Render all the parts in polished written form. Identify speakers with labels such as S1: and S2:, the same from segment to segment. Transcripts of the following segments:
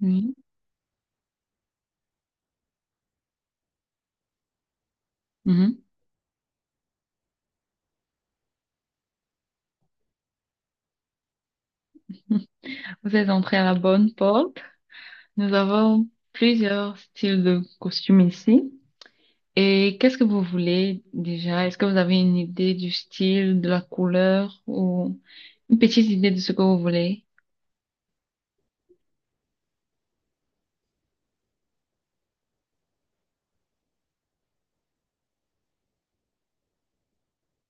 S1: Oui. Mhm. Vous êtes entré à la bonne porte. Nous avons plusieurs styles de costumes ici. Et qu'est-ce que vous voulez déjà? Est-ce que vous avez une idée du style, de la couleur ou une petite idée de ce que vous voulez?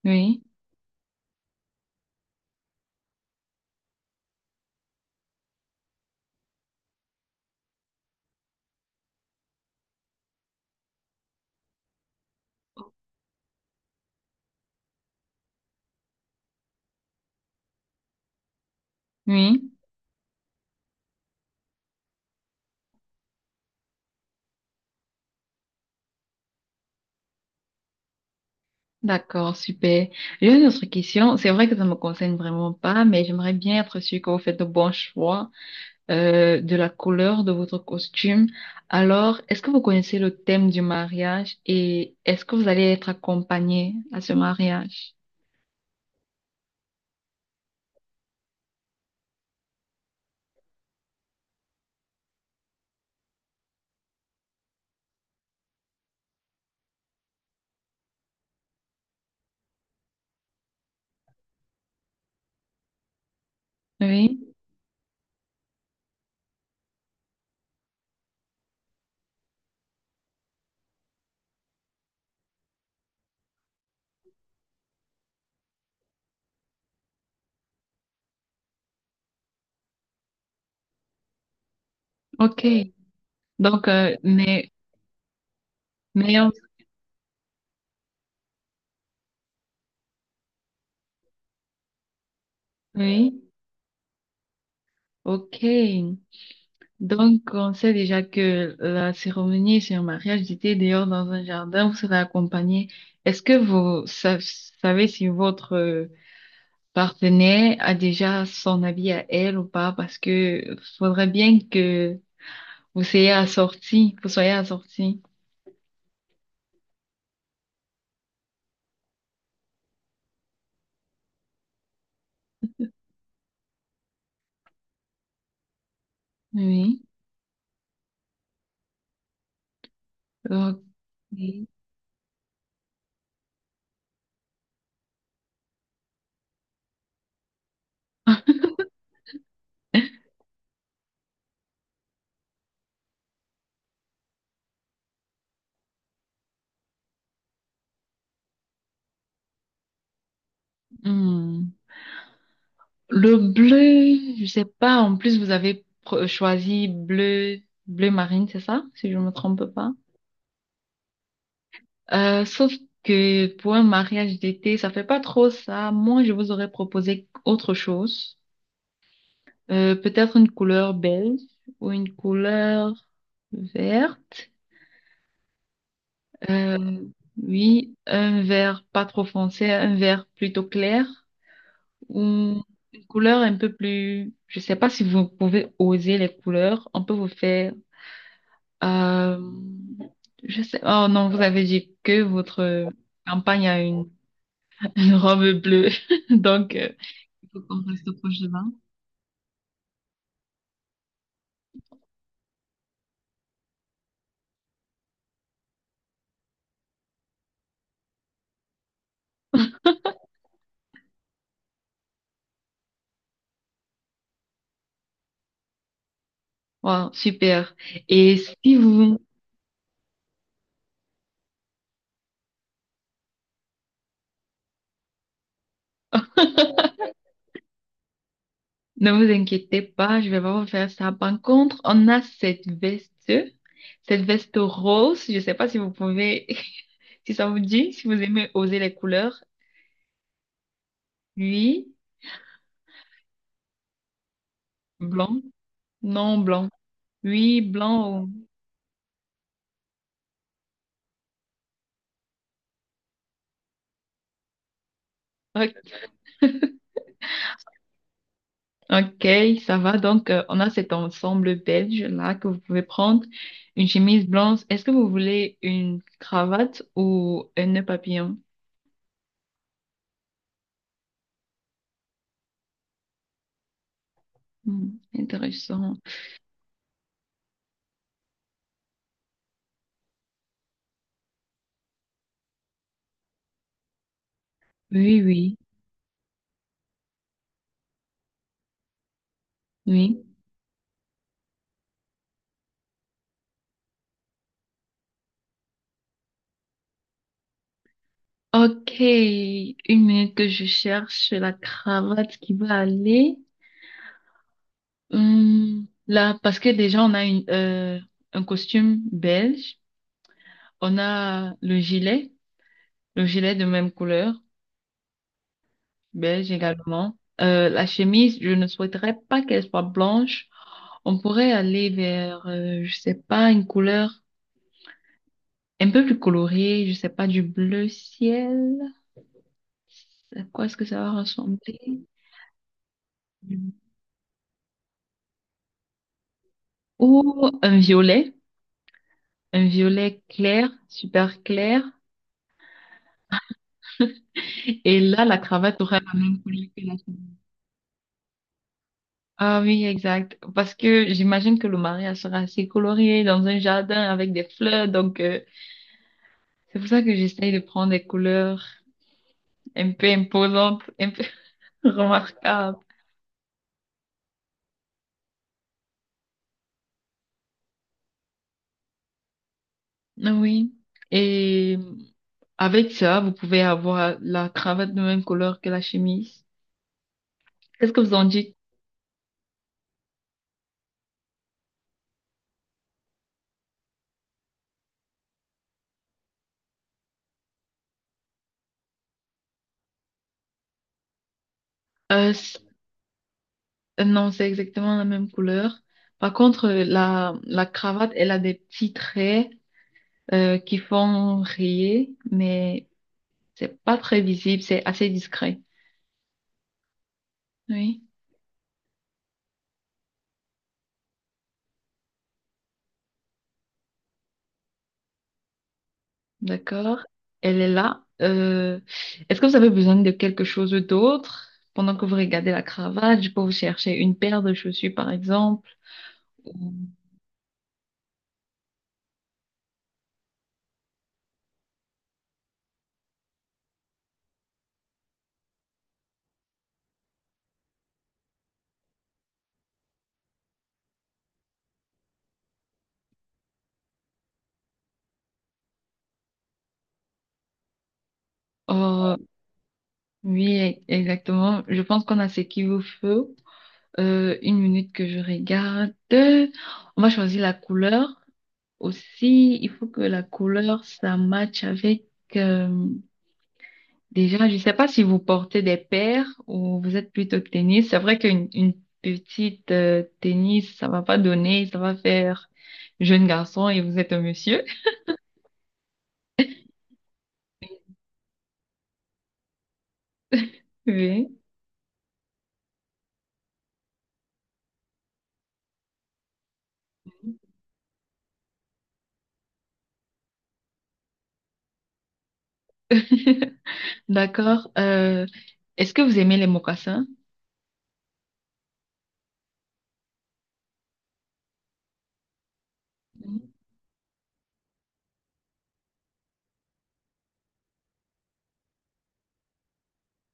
S1: Oui, oui. D'accord, super. J'ai une autre question. C'est vrai que ça me concerne vraiment pas, mais j'aimerais bien être sûre que vous faites de bons choix. De la couleur de votre costume. Alors, est-ce que vous connaissez le thème du mariage et est-ce que vous allez être accompagné à ce mariage? Oui, ok. Donc, euh, mais, mais, on- oui, ok. Donc, on sait déjà que la cérémonie sur un mariage était dehors dans un jardin, vous serez accompagné. Est-ce que vous sa- Savez si votre partenaire a déjà son habit à elle ou pas? Parce que faudrait bien que vous soyez assorti, vous soyez assorti. Oui. Ok. Hmm. Le bleu, je sais pas. En plus, vous avez choisi bleu, bleu marine, c'est ça? Si je me trompe pas. Sauf que pour un mariage d'été, ça fait pas trop ça. Moi, je vous aurais proposé autre chose. Peut-être une couleur beige ou une couleur verte. Euh, oui, un vert pas trop foncé, un vert plutôt clair ou une couleur un peu plus. Je sais pas si vous pouvez oser les couleurs. On peut vous faire. Euh, je sais. Oh non, vous avez dit que votre campagne a une une robe bleue. Donc, il faut qu'on reste proche de vin. Wow, super. Et si vous ne vous inquiétez pas, je vais pas vous faire ça. Par contre, on a cette veste rose. Je sais pas si vous pouvez, si ça vous dit, si vous aimez oser les couleurs. Oui, blanc. Non, blanc. Oui, blanc. Ou- Ok. Ok, ça va. Donc, on a cet ensemble belge là que vous pouvez prendre. Une chemise blanche. Est-ce que vous voulez une cravate ou un nœud papillon? Hmm, intéressant. Oui, oui, oui. Ok, une minute que je cherche la cravate qui va aller. Hmm, là, parce que déjà, on a une, un costume belge. On a le gilet de même couleur. Beige également. La chemise, je ne souhaiterais pas qu'elle soit blanche. On pourrait aller vers, je sais pas, une couleur un peu plus colorée, je sais pas, du bleu ciel. À quoi est-ce que ça va ressembler? Ou un violet clair, super clair. Et là, la cravate aurait la même couleur que la chemise. Ah oui, exact. Parce que j'imagine que le mariage sera assez coloré dans un jardin avec des fleurs. Donc, c'est pour ça que j'essaye de prendre des couleurs. Un peu imposante, un peu remarquable. Oui. Et avec ça, vous pouvez avoir la cravate de même couleur que la chemise. Qu'est-ce que vous en dites? Euh, c- non, c'est exactement la même couleur. Par contre, la cravate, elle a des petits traits qui font rayer, mais c'est pas très visible, c'est assez discret. Oui. D'accord. Elle est là. Est-ce que vous avez besoin de quelque chose d'autre pendant que vous regardez la cravate? Je peux vous chercher une paire de chaussures, par exemple. Ou- Oh, oui, exactement. Je pense qu'on a ce qu'il vous faut. Une minute que je regarde. On va choisir la couleur aussi. Il faut que la couleur, ça matche avec... euh, Déjà, je ne sais pas si vous portez des paires ou vous êtes plutôt tennis. C'est vrai qu'une une petite tennis, ça va pas donner, ça va faire jeune garçon et vous êtes un monsieur. Oui. D'accord. Est-ce que vous aimez les mocassins?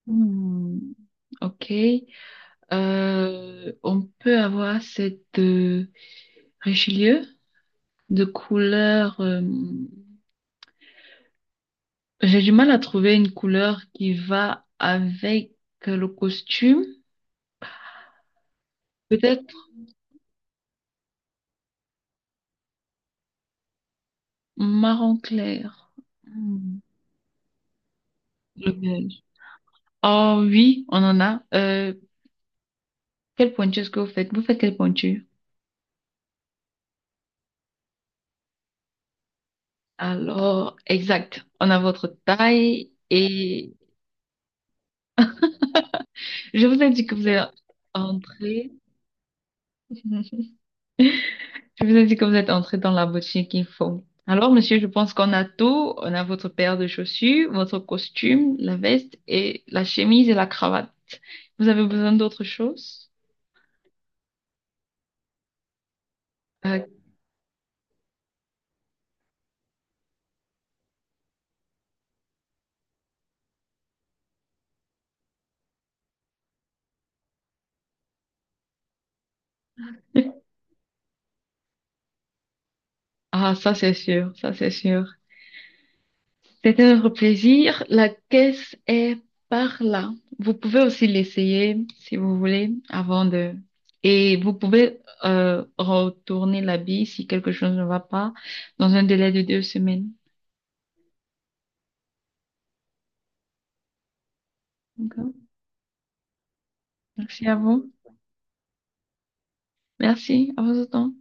S1: Hmm, ok. On peut avoir cette Richelieu de couleur. J'ai du mal à trouver une couleur qui va avec le costume. Peut-être marron clair. Hmm, le beige. Oh oui, on en a. Quelle pointure est-ce que vous faites? Vous faites quelle pointure? Alors, exact. On a votre taille et je vous ai dit que vous êtes entré. Je vous ai dit que vous êtes entré dans la boutique qu'il faut. Alors, monsieur, je pense qu'on a tout. On a votre paire de chaussures, votre costume, la veste et la chemise et la cravate. Vous avez besoin d'autre chose? Euh, ah, ça c'est sûr, ça c'est sûr. C'était notre plaisir. La caisse est par là. Vous pouvez aussi l'essayer si vous voulez avant de... Et vous pouvez retourner la bille si quelque chose ne va pas dans un délai de 2 semaines. D'accord. Merci à vous. Merci à vos autant.